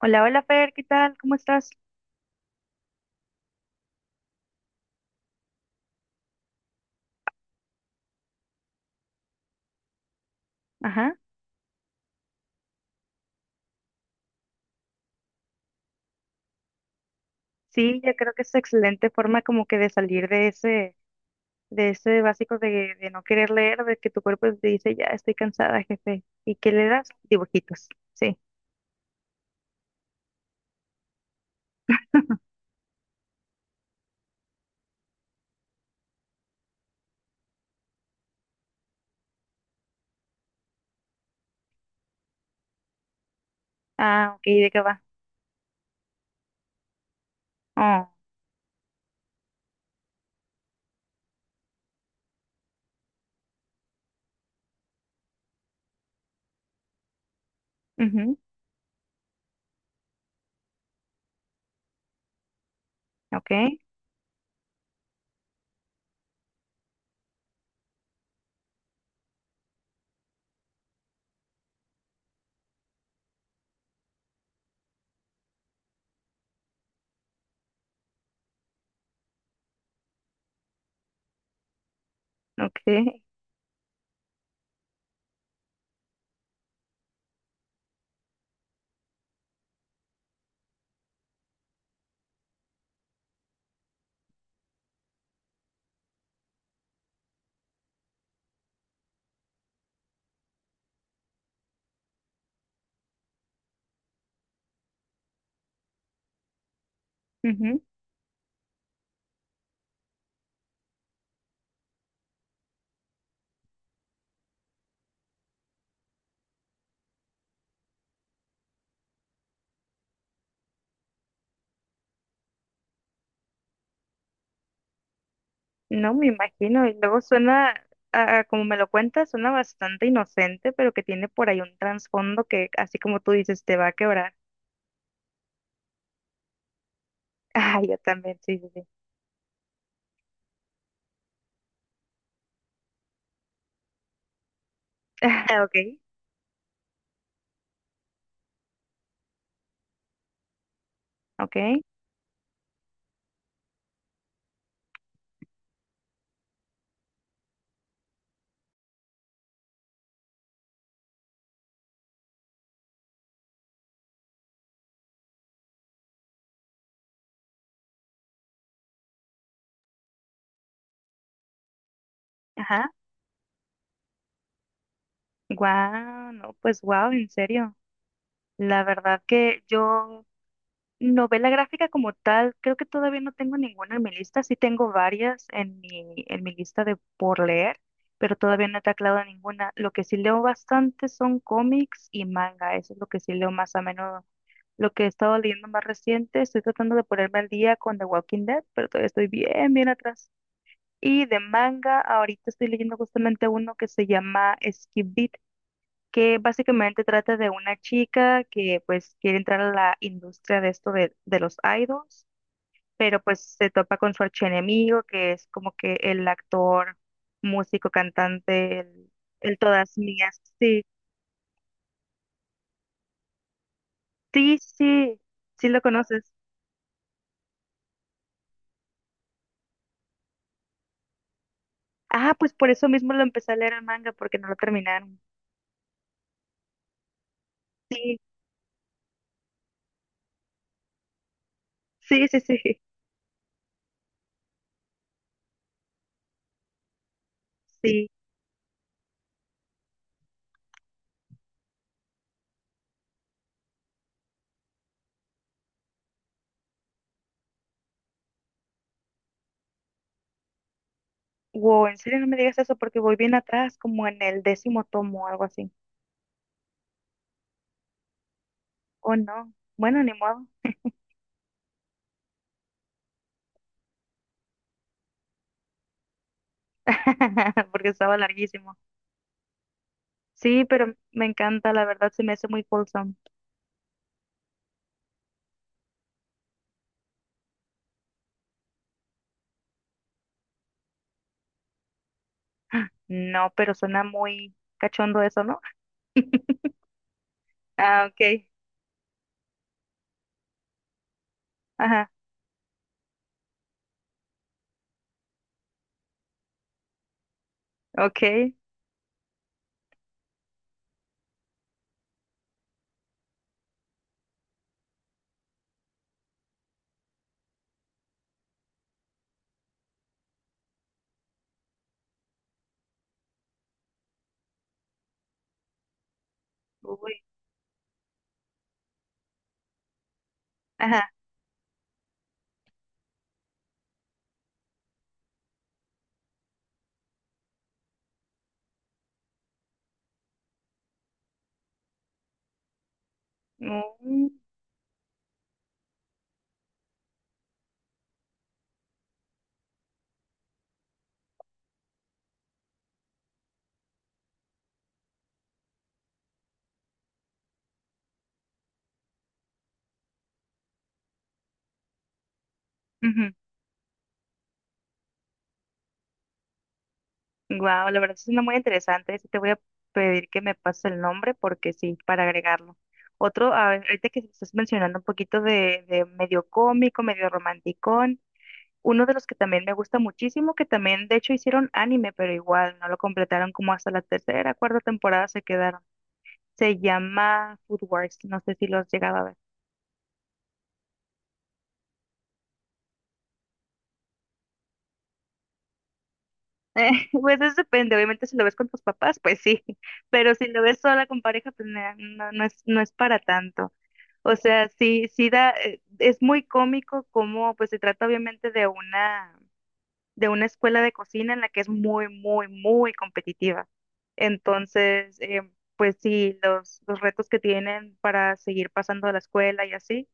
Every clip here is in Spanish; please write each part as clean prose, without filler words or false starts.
Hola, hola Fer, ¿qué tal? ¿Cómo estás? Ajá. Sí, yo creo que es excelente forma como que de salir de ese básico de no querer leer, de que tu cuerpo te dice, ya estoy cansada, jefe. ¿Y qué le das? Dibujitos. Sí. Ah, ok, ¿de qué va? Oh, ujú, ok, ok. Ujú. No me imagino. Y luego suena, ah, como me lo cuentas, suena bastante inocente, pero que tiene por ahí un trasfondo que, así como tú dices, te va a quebrar. Ah, yo también, sí, sí, sí. Ok, ok. Ajá, wow, no, pues wow, en serio. La verdad que yo novela gráfica como tal, creo que todavía no tengo ninguna en mi lista, sí tengo varias en mi lista de por leer, pero todavía no he taclado ninguna. Lo que sí leo bastante son cómics y manga, eso es lo que sí leo más a menudo. Lo que he estado leyendo más reciente, estoy tratando de ponerme al día con The Walking Dead, pero todavía estoy bien, bien atrás. Y de manga, ahorita estoy leyendo justamente uno que se llama Skip Beat, que básicamente trata de una chica que pues quiere entrar a la industria de esto de los idols, pero pues se topa con su archienemigo, que es como que el actor, músico, cantante, el todas mías. Sí, sí, sí, sí lo conoces. Ah, pues por eso mismo lo empecé a leer el manga, porque no lo terminaron. Sí, sí, sí, sí, sí. Wow, en serio no me digas eso porque voy bien atrás, como en el décimo tomo o algo así. Oh, no. Bueno, ni modo. Porque estaba larguísimo. Sí, pero me encanta, la verdad se me hace muy wholesome. No, pero suena muy cachondo eso, ¿no? Ah, ok. Ajá, ok. Uy, ajá. Wow, la verdad sí suena muy interesante. Sí te voy a pedir que me pases el nombre porque sí, para agregarlo. Otro, a ver, ahorita que estás mencionando un poquito de medio cómico, medio romántico, uno de los que también me gusta muchísimo, que también de hecho hicieron anime, pero igual no lo completaron, como hasta la tercera, cuarta temporada se quedaron. Se llama Food Wars, no sé si lo has llegado a ver. Pues eso depende, obviamente si lo ves con tus papás, pues sí, pero si lo ves sola con pareja, pues na- no, no es, no es para tanto. O sea, sí, sí da, es muy cómico como, pues se trata obviamente de una escuela de cocina en la que es muy, muy, muy competitiva. Entonces, pues sí, los retos que tienen para seguir pasando a la escuela y así,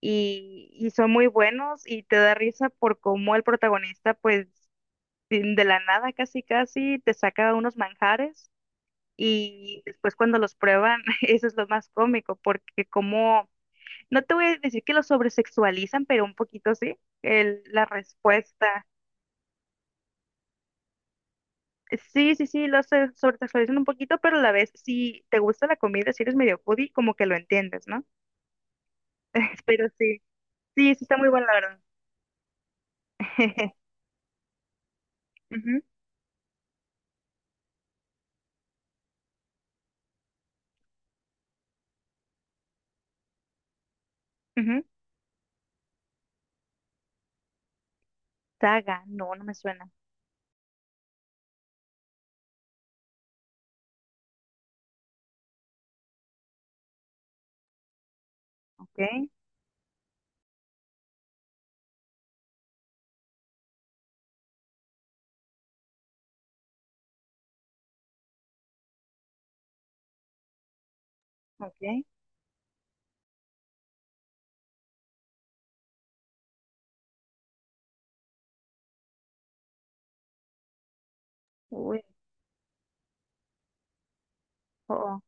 y son muy buenos y te da risa por cómo el protagonista, pues de la nada casi, casi, te saca unos manjares y después cuando los prueban, eso es lo más cómico, porque como, no te voy a decir que lo sobresexualizan, pero un poquito sí, el, la respuesta. Sí, sí, sí, lo se sobresexualizan un poquito, pero a la vez, si te gusta la comida, si eres medio foodie, como que lo entiendes, ¿no? Pero sí, sí, sí está muy bueno, la verdad. Ujú, ujú. Saga, no, no me suena. Ok, ok. Uy, oh,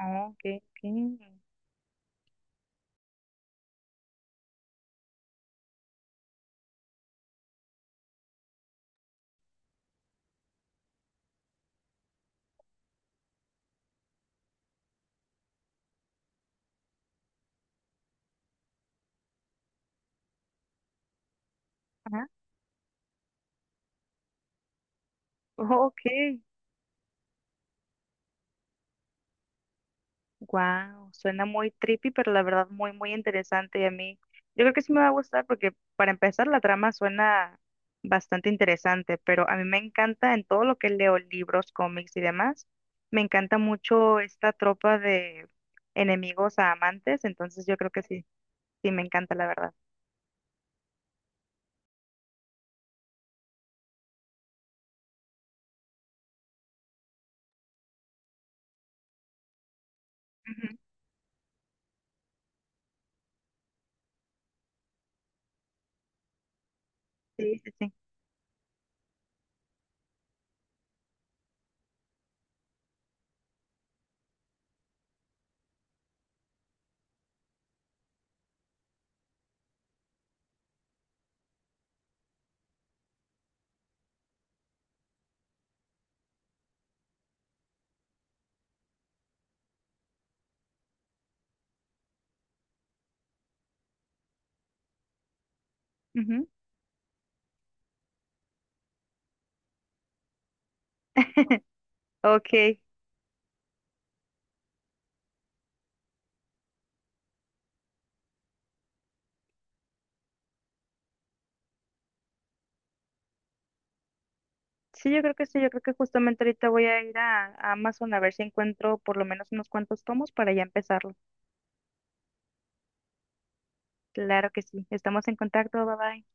oh, ok, ok. Ajá, ok. Wow, suena muy trippy, pero la verdad muy, muy interesante y a mí. Yo creo que sí me va a gustar porque para empezar la trama suena bastante interesante, pero a mí me encanta en todo lo que leo, libros, cómics y demás, me encanta mucho esta tropa de enemigos a amantes, entonces yo creo que sí, sí me encanta la verdad. Ujú, sí, sí, sí. Ujú. Ok, sí, yo creo que sí, yo creo que justamente ahorita voy a ir a Amazon a ver si encuentro por lo menos unos cuantos tomos para ya empezar. Claro que sí. Estamos en contacto. Bye bye.